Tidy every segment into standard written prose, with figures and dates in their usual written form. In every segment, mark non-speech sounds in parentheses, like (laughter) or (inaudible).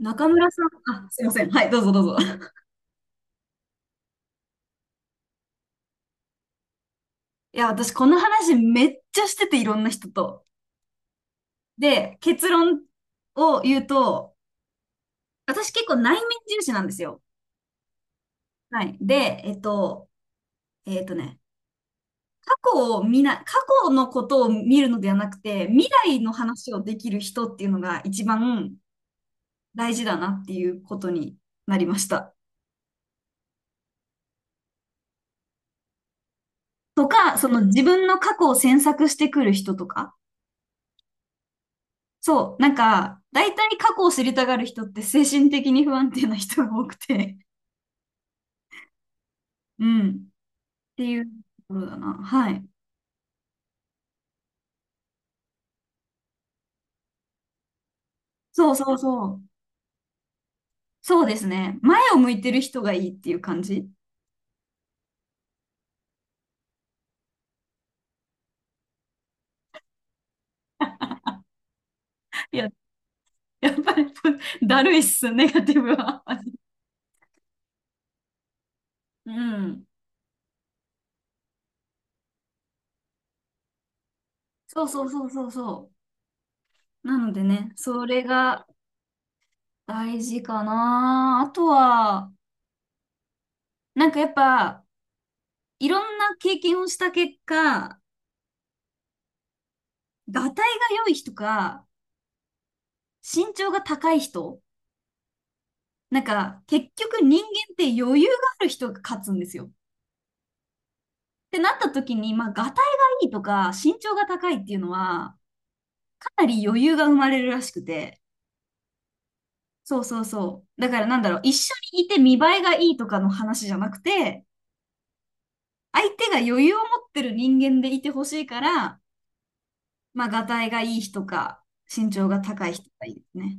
中村さん、あ、すいません。はい、どうぞどうぞ。(laughs) いや、私、この話めっちゃしてて、いろんな人と。で、結論を言うと、私結構内面重視なんですよ。はい。で、えっとね、過去を見な、過去のことを見るのではなくて、未来の話をできる人っていうのが一番大事だなっていうことになりました。とか、その自分の過去を詮索してくる人とか。そう、なんか、大体過去を知りたがる人って精神的に不安定な人が多くて、(laughs) うん、っていうところだな。はい。そうそうそう。そうですね。前を向いてる人がいいっていう感じ。いや、やっぱり (laughs) だるいっす、ネガティブは。(laughs) うん。そうそうそうそうそう。なのでね、それが大事かな。あとは、なんかやっぱ、いろんな経験をした結果、がたいが良い人か、身長が高い人、なんか、結局人間って余裕がある人が勝つんですよ。ってなった時に、まあ、ガタイがいいとか、身長が高いっていうのは、かなり余裕が生まれるらしくて。そうそうそう。だからなんだろう、一緒にいて見栄えがいいとかの話じゃなくて、相手が余裕を持ってる人間でいてほしいから、まあ、ガタイがいい人か、身長が高い人がいいですね。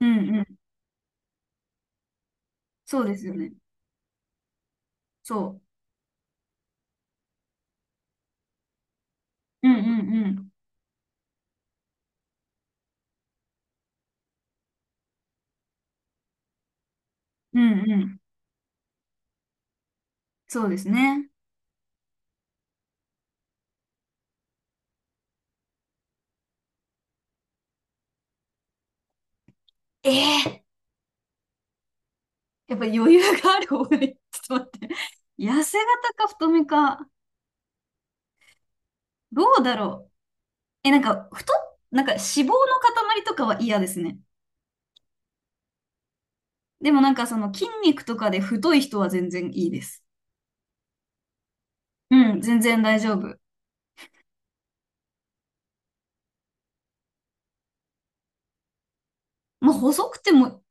うんうん。そうですよね。そう。うんうんうん。うんうん。そうですね。ええ、やっぱ余裕がある方がいい。(laughs) ちょっと待って。痩せ型か太めか。どうだろう。え、なんか、なんか脂肪の塊とかは嫌ですね。でもなんかその筋肉とかで太い人は全然いいです。うん、全然大丈夫。まあ、細くても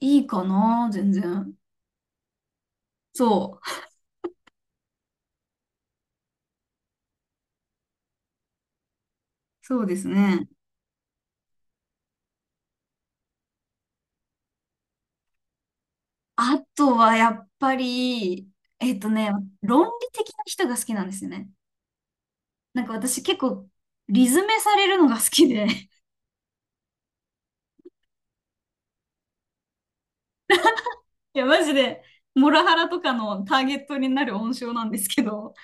いいかな、全然。そう。そうですね。あとはやっぱり、えっとね、論理的な人が好きなんですよね。なんか私結構、リズめされるのが好きで。いや、マジで、モラハラとかのターゲットになる温床なんですけど、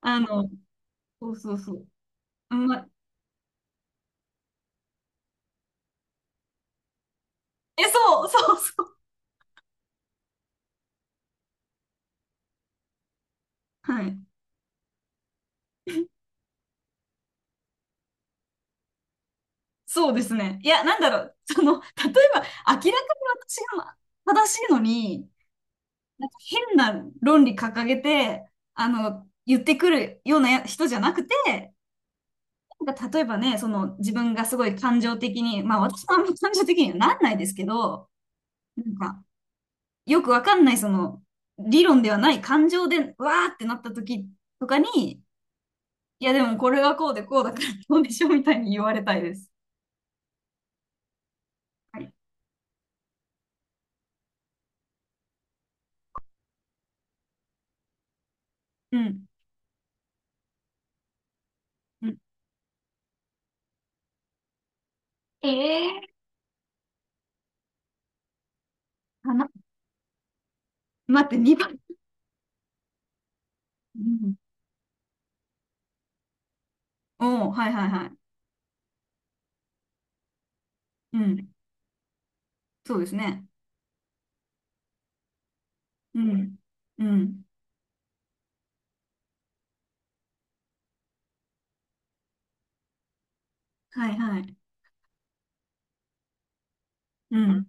あの、そうそうそう。うんま、え、そう、そうそう。はい。そうですね。いや、なんだろう。その、例えば、明らかに私が正しいのに、なんか変な論理掲げて、あの、言ってくるような人じゃなくて、なんか例えばね、その、自分がすごい感情的に、まあ、私もあんま感情的にはなんないですけど、なんか、よくわかんない、その、理論ではない感情で、わーってなった時とかに、いや、でもこれはこうでこうだから、どうでしょうみたいに言われたいです。はい。うん。うん。ええーかな。待って、2番。うん。おー、はいはいはい。うん。そうですね。うん。うん。はいはい。うん。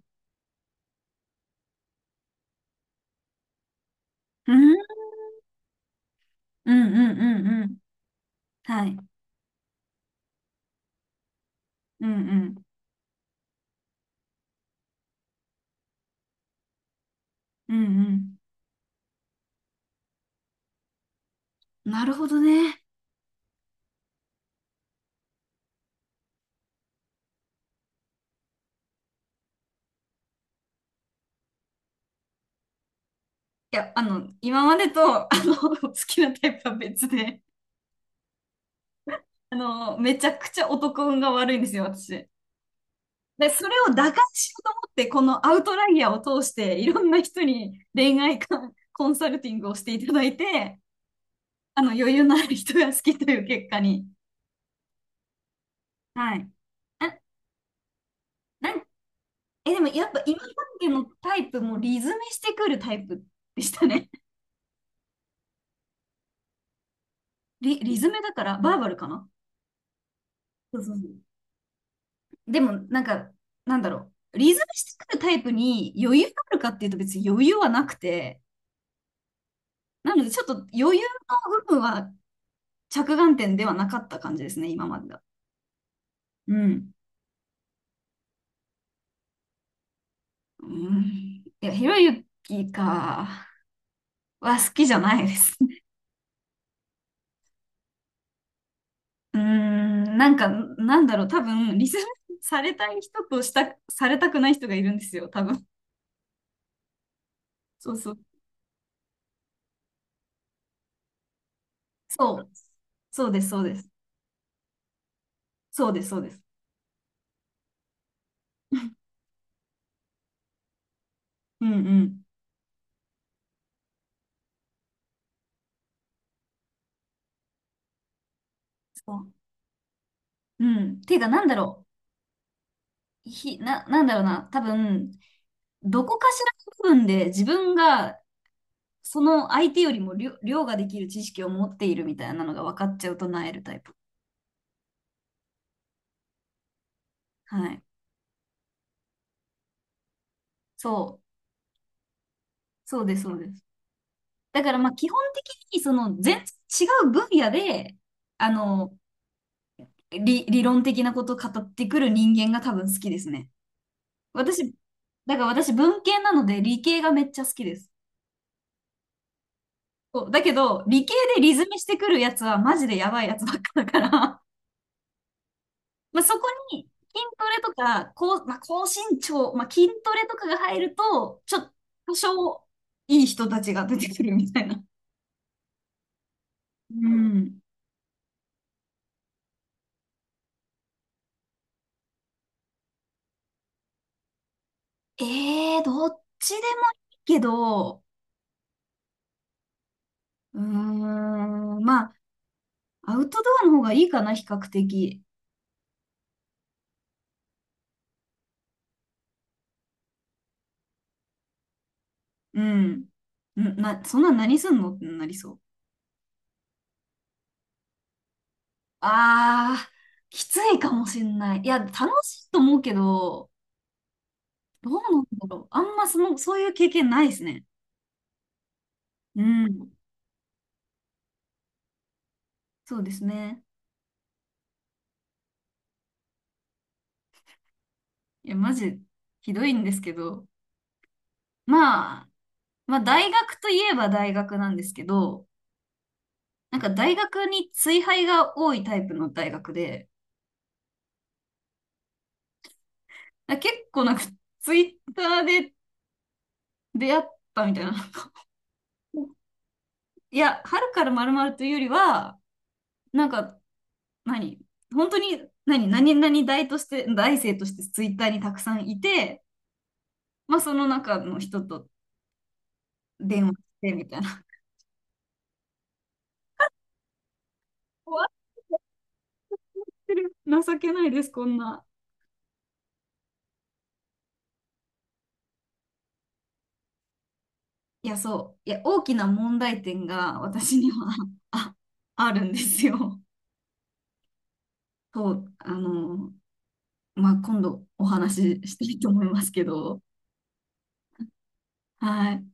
うん。うんうんうんうん。はい。うんうん。うんうん。なるほどね。いや、あの、今までと、あの、(laughs) 好きなタイプは別で。あの、めちゃくちゃ男運が悪いんですよ、私。で、それを打開しようと思って、このアウトライヤーを通して、いろんな人に恋愛観コンサルティングをしていただいて、あの、余裕のある人が好きという結果に。はい。あ、なん、え、でもやっぱ今までのタイプもリズメしてくるタイプでしたね。(laughs) リズメだから、バーバルかな。そうそうそう。でも、なんか、なんだろう。リズメしてくるタイプに余裕があるかっていうと別に余裕はなくて、なので、ちょっと余裕の部分は着眼点ではなかった感じですね、今までが。うん。うん、いや、ひろゆきか、は好きじゃないですね。(laughs) うーん、なんか、なんだろう、多分、リスペクトされたい人とした、されたくない人がいるんですよ、多分。そうそう。そう。そうです、そうです。そうです、そうです。うんうん。そう。うん。ていうか、なんだろう。ひ、な、なんだろうな。多分、どこかしらの部分で自分がその相手よりも量量ができる知識を持っているみたいなのが分かっちゃうとなえるタイプ。はい。そう。そうです、そうです。だからまあ基本的にその全然違う分野で、あの、理論的なことを語ってくる人間が多分好きですね。私、だから私文系なので理系がめっちゃ好きです。そう。だけど、理系でリズミしてくるやつはマジでやばいやつばっかだから、まあ、そこに筋トレとか、高、まあ、高身長、まあ、筋トレとかが入ると、ちょっと多少いい人たちが出てくるみたいな。うん。えー、どっちでもいいけど、うーん、まあ、アウトドアの方がいいかな、比較的。うん。んな、そんなん何すんのってなりそう。あー、きついかもしんない。いや、楽しいと思うけど、どうなんだろう。あんまその、そういう経験ないですね。うん。そうですね。いや、マジ、ひどいんですけど、まあ、まあ、大学といえば大学なんですけど、なんか大学に追廃が多いタイプの大学で、だから結構なんかツイッターで出会ったみたいな。いや、春からまるまるというよりは、なんか、何本当に、何何々大として、大生としてツイッターにたくさんいて、まあその中の人と電話してみたいな。終わってる。情けないです、こんな。いや、そう。いや、大きな問題点が私には (laughs) あ、あるんですよ。そう。あの、まあ、今度お話ししたいと思いますけど。はい。